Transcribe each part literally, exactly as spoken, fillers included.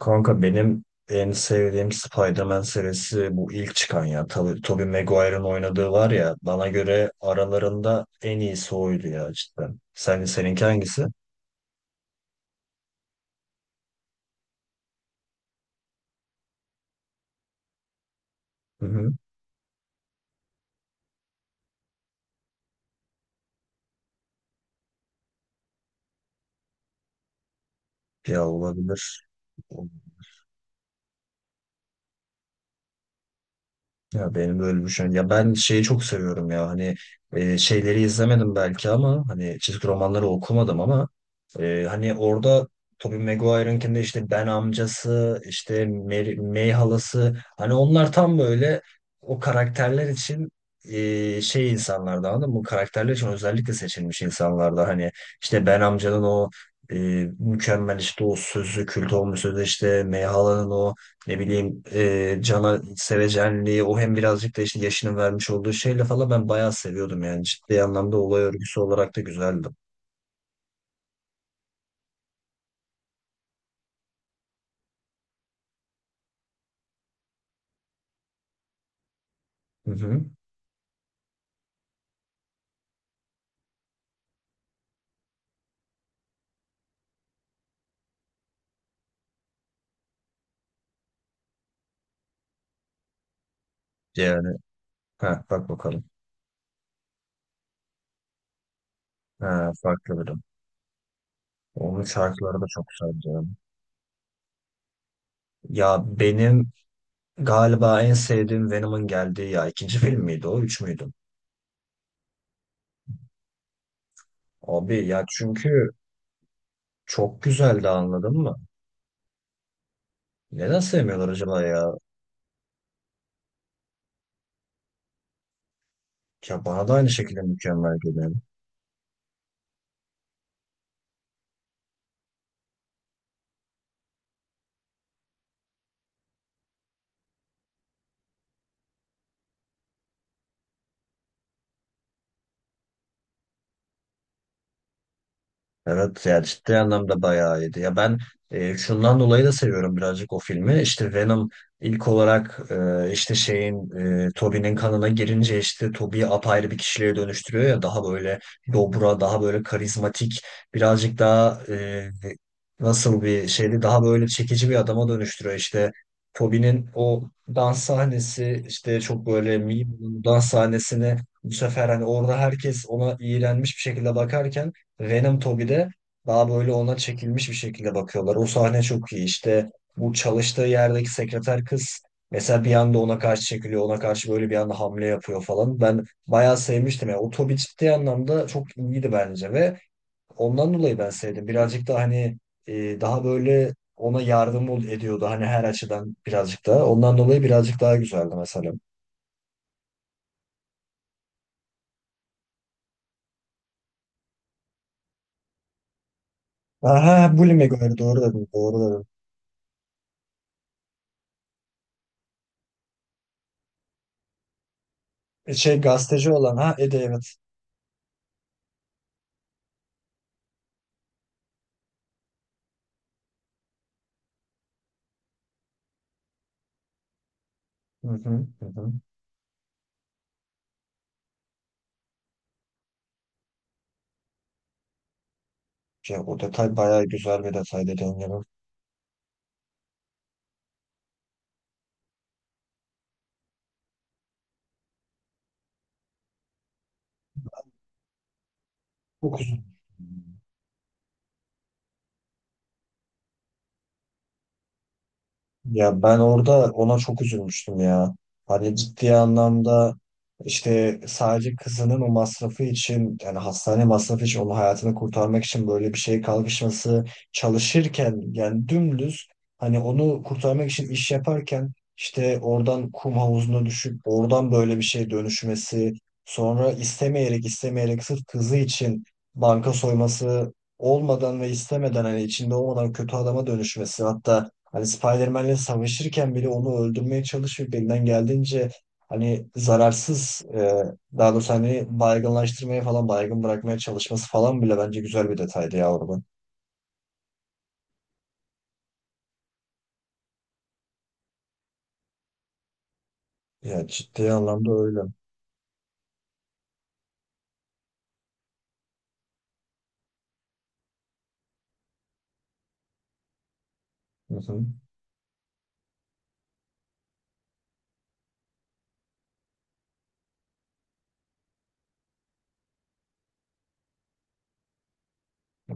Kanka benim en sevdiğim Spider-Man serisi bu ilk çıkan ya. Tabii Tobey Maguire'ın oynadığı var ya bana göre aralarında en iyisi oydu ya cidden. Sen, seninki hangisi? Hı hı. Ya olabilir. Ya benim böyle bir şey. Ya ben şeyi çok seviyorum ya hani e, şeyleri izlemedim belki ama hani çizgi romanları okumadım ama e, hani orada Tobey Maguire'ınkinde işte Ben amcası işte Mary, May halası hani onlar tam böyle o karakterler için e, şey insanlardı anladın mı? Bu karakterler için özellikle seçilmiş insanlardı hani işte Ben amcanın o e, mükemmel işte o sözü kült olmuş sözü işte May halanın o ne bileyim e, Can'a sevecenliği o hem birazcık da işte yaşının vermiş olduğu şeyle falan ben bayağı seviyordum yani. Ciddi anlamda olay örgüsü olarak da güzeldi. Hı hı. Yani ha, bak bakalım. Ha, farklı biri. Onun şarkıları da çok güzeldi, yani. Ya benim galiba en sevdiğim Venom'un geldiği ya ikinci film miydi o? Üç müydü? Abi ya çünkü çok güzeldi anladın mı? Neden sevmiyorlar acaba ya? Ya bana da aynı şekilde mükemmel geliyor. Evet yani ciddi anlamda bayağı iyiydi. Ya ben e, şundan dolayı da seviyorum birazcık o filmi. İşte Venom ilk olarak e, işte şeyin e, Tobey'nin kanına girince işte Tobey'i apayrı bir kişiliğe dönüştürüyor ya daha böyle dobra, daha böyle karizmatik, birazcık daha e, nasıl bir şeydi daha böyle çekici bir adama dönüştürüyor. İşte Tobey'nin o dans sahnesi işte çok böyle meme olan dans sahnesini bu sefer hani orada herkes ona iğrenmiş bir şekilde bakarken Venom Toby'de daha böyle ona çekilmiş bir şekilde bakıyorlar. O sahne çok iyi. İşte bu çalıştığı yerdeki sekreter kız mesela bir anda ona karşı çekiliyor. Ona karşı böyle bir anda hamle yapıyor falan. Ben bayağı sevmiştim. Yani o Toby ciddi anlamda çok iyiydi bence ve ondan dolayı ben sevdim. Birazcık da hani e, daha böyle ona yardım ol- ediyordu. Hani her açıdan birazcık da. Ondan dolayı birazcık daha güzeldi mesela. Aha, Bully McGuire doğru dedim. Doğru dedim. E, Şey gazeteci olan ha Eddie evet. Hı hı, hı hı. Ya o detay bayağı güzel bir detay dediğin gibi. Çok Ya ben orada ona çok üzülmüştüm ya. Hani ciddi anlamda işte sadece kızının o masrafı için yani hastane masrafı için onun hayatını kurtarmak için böyle bir şey kalkışması çalışırken yani dümdüz hani onu kurtarmak için iş yaparken işte oradan kum havuzuna düşüp oradan böyle bir şey dönüşmesi sonra istemeyerek istemeyerek sırf kızı için banka soyması olmadan ve istemeden hani içinde olmadan kötü adama dönüşmesi hatta hani Spider-Man'le savaşırken bile onu öldürmeye çalışıyor. Elinden geldiğince hani zararsız e, daha doğrusu hani baygınlaştırmaya falan baygın bırakmaya çalışması falan bile bence güzel bir detaydı ya oradan. Ya ciddi anlamda öyle. Hı hı.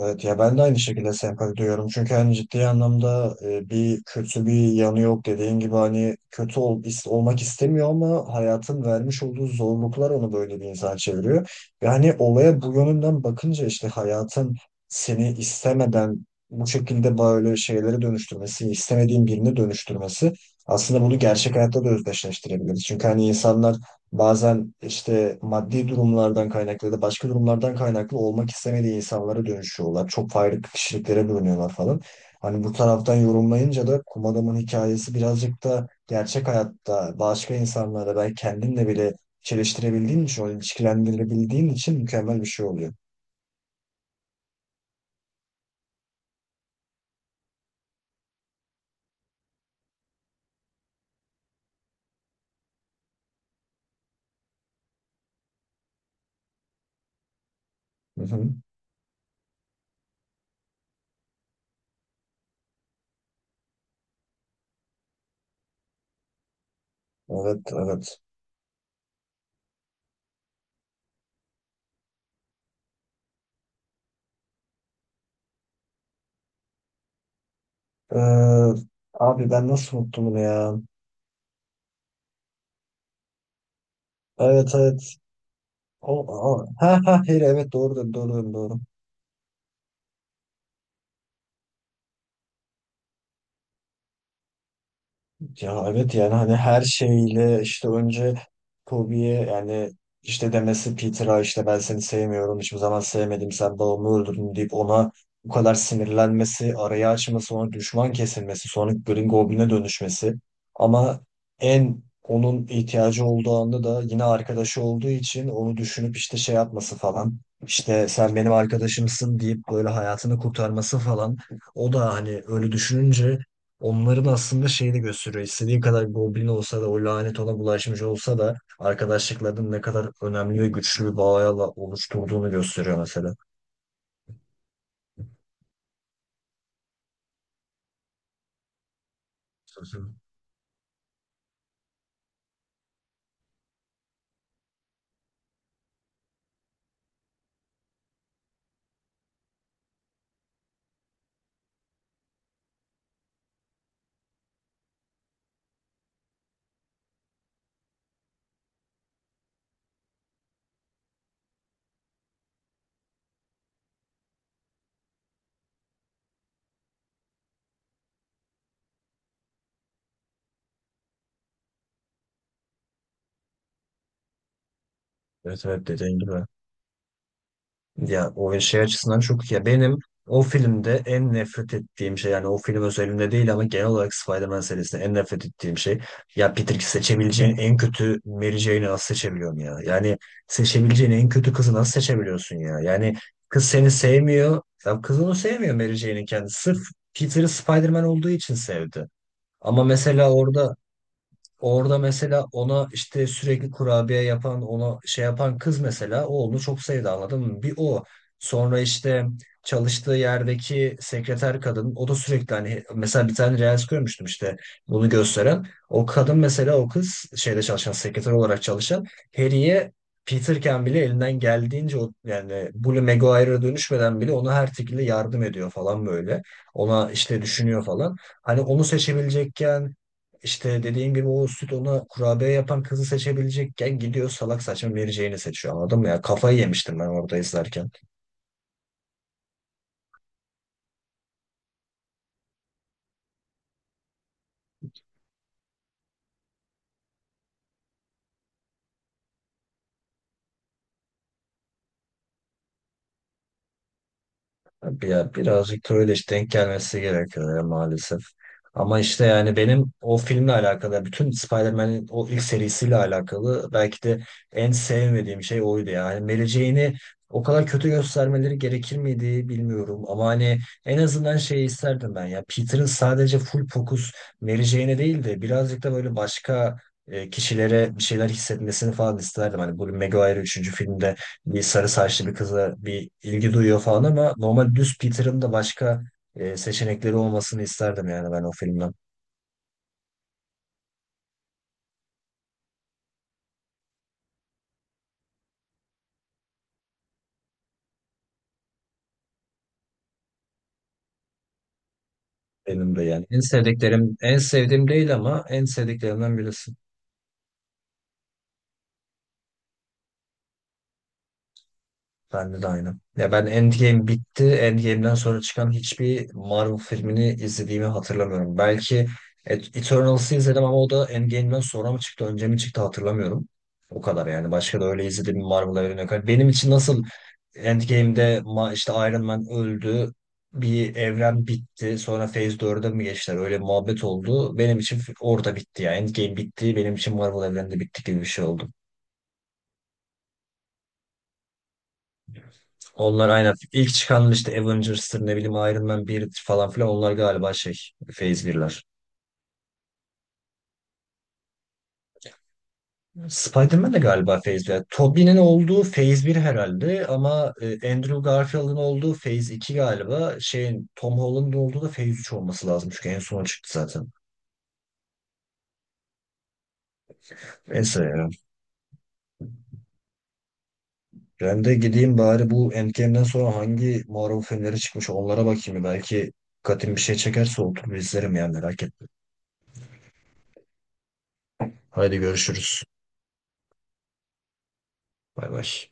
Evet ya ben de aynı şekilde sempati duyuyorum. Çünkü hani ciddi anlamda e, bir kötü bir yanı yok dediğin gibi hani kötü ol, is- olmak istemiyor ama hayatın vermiş olduğu zorluklar onu böyle bir insan çeviriyor. Yani olaya bu yönünden bakınca işte hayatın seni istemeden bu şekilde böyle şeylere dönüştürmesi, istemediğin birini dönüştürmesi aslında bunu gerçek hayatta da özdeşleştirebiliriz. Çünkü hani insanlar bazen işte maddi durumlardan kaynaklı ya da başka durumlardan kaynaklı olmak istemediği insanlara dönüşüyorlar. Çok farklı kişiliklere bölünüyorlar falan. Hani bu taraftan yorumlayınca da kum adamın hikayesi birazcık da gerçek hayatta başka insanlara belki kendinle bile çeliştirebildiğin için, onu ilişkilendirilebildiğin için mükemmel bir şey oluyor. Hı hı. Evet, evet. Ee, abi ben nasıl unuttum bunu ya? Evet, evet. O, o- ha ha hayır, evet doğru dedim, doğru dedim, doğru. Ya evet yani hani her şeyle işte önce Toby'ye yani işte demesi Peter'a işte ben seni sevmiyorum hiçbir zaman sevmedim sen babamı öldürdün deyip ona bu kadar sinirlenmesi, arayı açması, ona düşman kesilmesi, sonra Green Goblin'e dönüşmesi. Ama en onun ihtiyacı olduğu anda da yine arkadaşı olduğu için onu düşünüp işte şey yapması falan. İşte sen benim arkadaşımsın deyip böyle hayatını kurtarması falan. O da hani öyle düşününce onların aslında şeyini gösteriyor. İstediği kadar goblin olsa da o lanet ona bulaşmış olsa da arkadaşlıklarının ne kadar önemli ve güçlü bir bağla oluşturduğunu gösteriyor mesela. Hı hı. Evet evet dediğin gibi. Ya o şey açısından çok iyi. Ya benim o filmde en nefret ettiğim şey yani o film özelinde değil ama genel olarak Spider-Man serisinde en nefret ettiğim şey ya Peter seçebileceğin en kötü Mary Jane'i nasıl seçebiliyorsun ya? Yani seçebileceğin en kötü kızı nasıl seçebiliyorsun ya? Yani kız seni sevmiyor. Ya kız onu sevmiyor Mary Jane'in kendisi. Sırf Peter'ı Spider-Man olduğu için sevdi. Ama mesela orada Orada mesela ona işte sürekli kurabiye yapan, ona şey yapan kız mesela o onu çok sevdi anladın mı? Bir o. Sonra işte çalıştığı yerdeki sekreter kadın o da sürekli hani mesela bir tane reels görmüştüm işte bunu gösteren. O kadın mesela o kız şeyde çalışan sekreter olarak çalışan Harry'e Peterken bile elinden geldiğince o yani Bully Maguire'a dönüşmeden bile ona her şekilde yardım ediyor falan böyle. Ona işte düşünüyor falan. Hani onu seçebilecekken işte dediğim gibi o süt ona kurabiye yapan kızı seçebilecekken gidiyor salak saçma vereceğini seçiyor anladın mı ya? Kafayı yemiştim ben orada izlerken. Abi, ya birazcık da öyle işte denk gelmesi gerekiyor ya maalesef. Ama işte yani benim o filmle alakalı, bütün Spider-Man'in o ilk serisiyle alakalı belki de en sevmediğim şey oydu ya. Yani Mary Jane'i o kadar kötü göstermeleri gerekir miydi bilmiyorum. Ama hani en azından şey isterdim ben ya. Peter'ın sadece full fokus Mary Jane'e değil de birazcık da böyle başka e, kişilere bir şeyler hissetmesini falan isterdim. Hani Bully Maguire üçüncü filmde bir sarı saçlı bir kıza bir ilgi duyuyor falan ama normal düz Peter'ın da başka e, seçenekleri olmasını isterdim yani ben o filmden. Benim de yani. En sevdiklerim, en sevdiğim değil ama en sevdiklerimden birisi. Bende de aynı. Ya ben Endgame bitti. Endgame'den sonra çıkan hiçbir Marvel filmini izlediğimi hatırlamıyorum. Belki Et- Eternals'ı izledim ama o da Endgame'den sonra mı çıktı, önce mi çıktı hatırlamıyorum. O kadar yani. Başka da öyle izlediğim Marvel evreni yok. Hani benim için nasıl Endgame'de ma- işte Iron Man öldü, bir evren bitti, sonra Phase dörde mi geçtiler? Öyle muhabbet oldu. Benim için orada bitti ya. Endgame bitti, benim için Marvel evreni de bitti gibi bir şey oldu. Onlar aynen. ilk çıkan işte Avengers'tır ne bileyim Iron Man bir falan filan onlar galiba şey Phase birler. Spider-Man de galiba Phase bir. Tobey'nin olduğu Phase bir herhalde ama e, Andrew Garfield'ın olduğu Phase iki galiba. Şeyin Tom Holland'ın olduğu da Phase üç olması lazım çünkü en son çıktı zaten. Neyse ya. Ben de gideyim bari bu Endgame'den sonra hangi Marvel filmleri çıkmış onlara bakayım. Belki katim bir şey çekerse oturup izlerim yani merak etme. Haydi görüşürüz. Bay bay.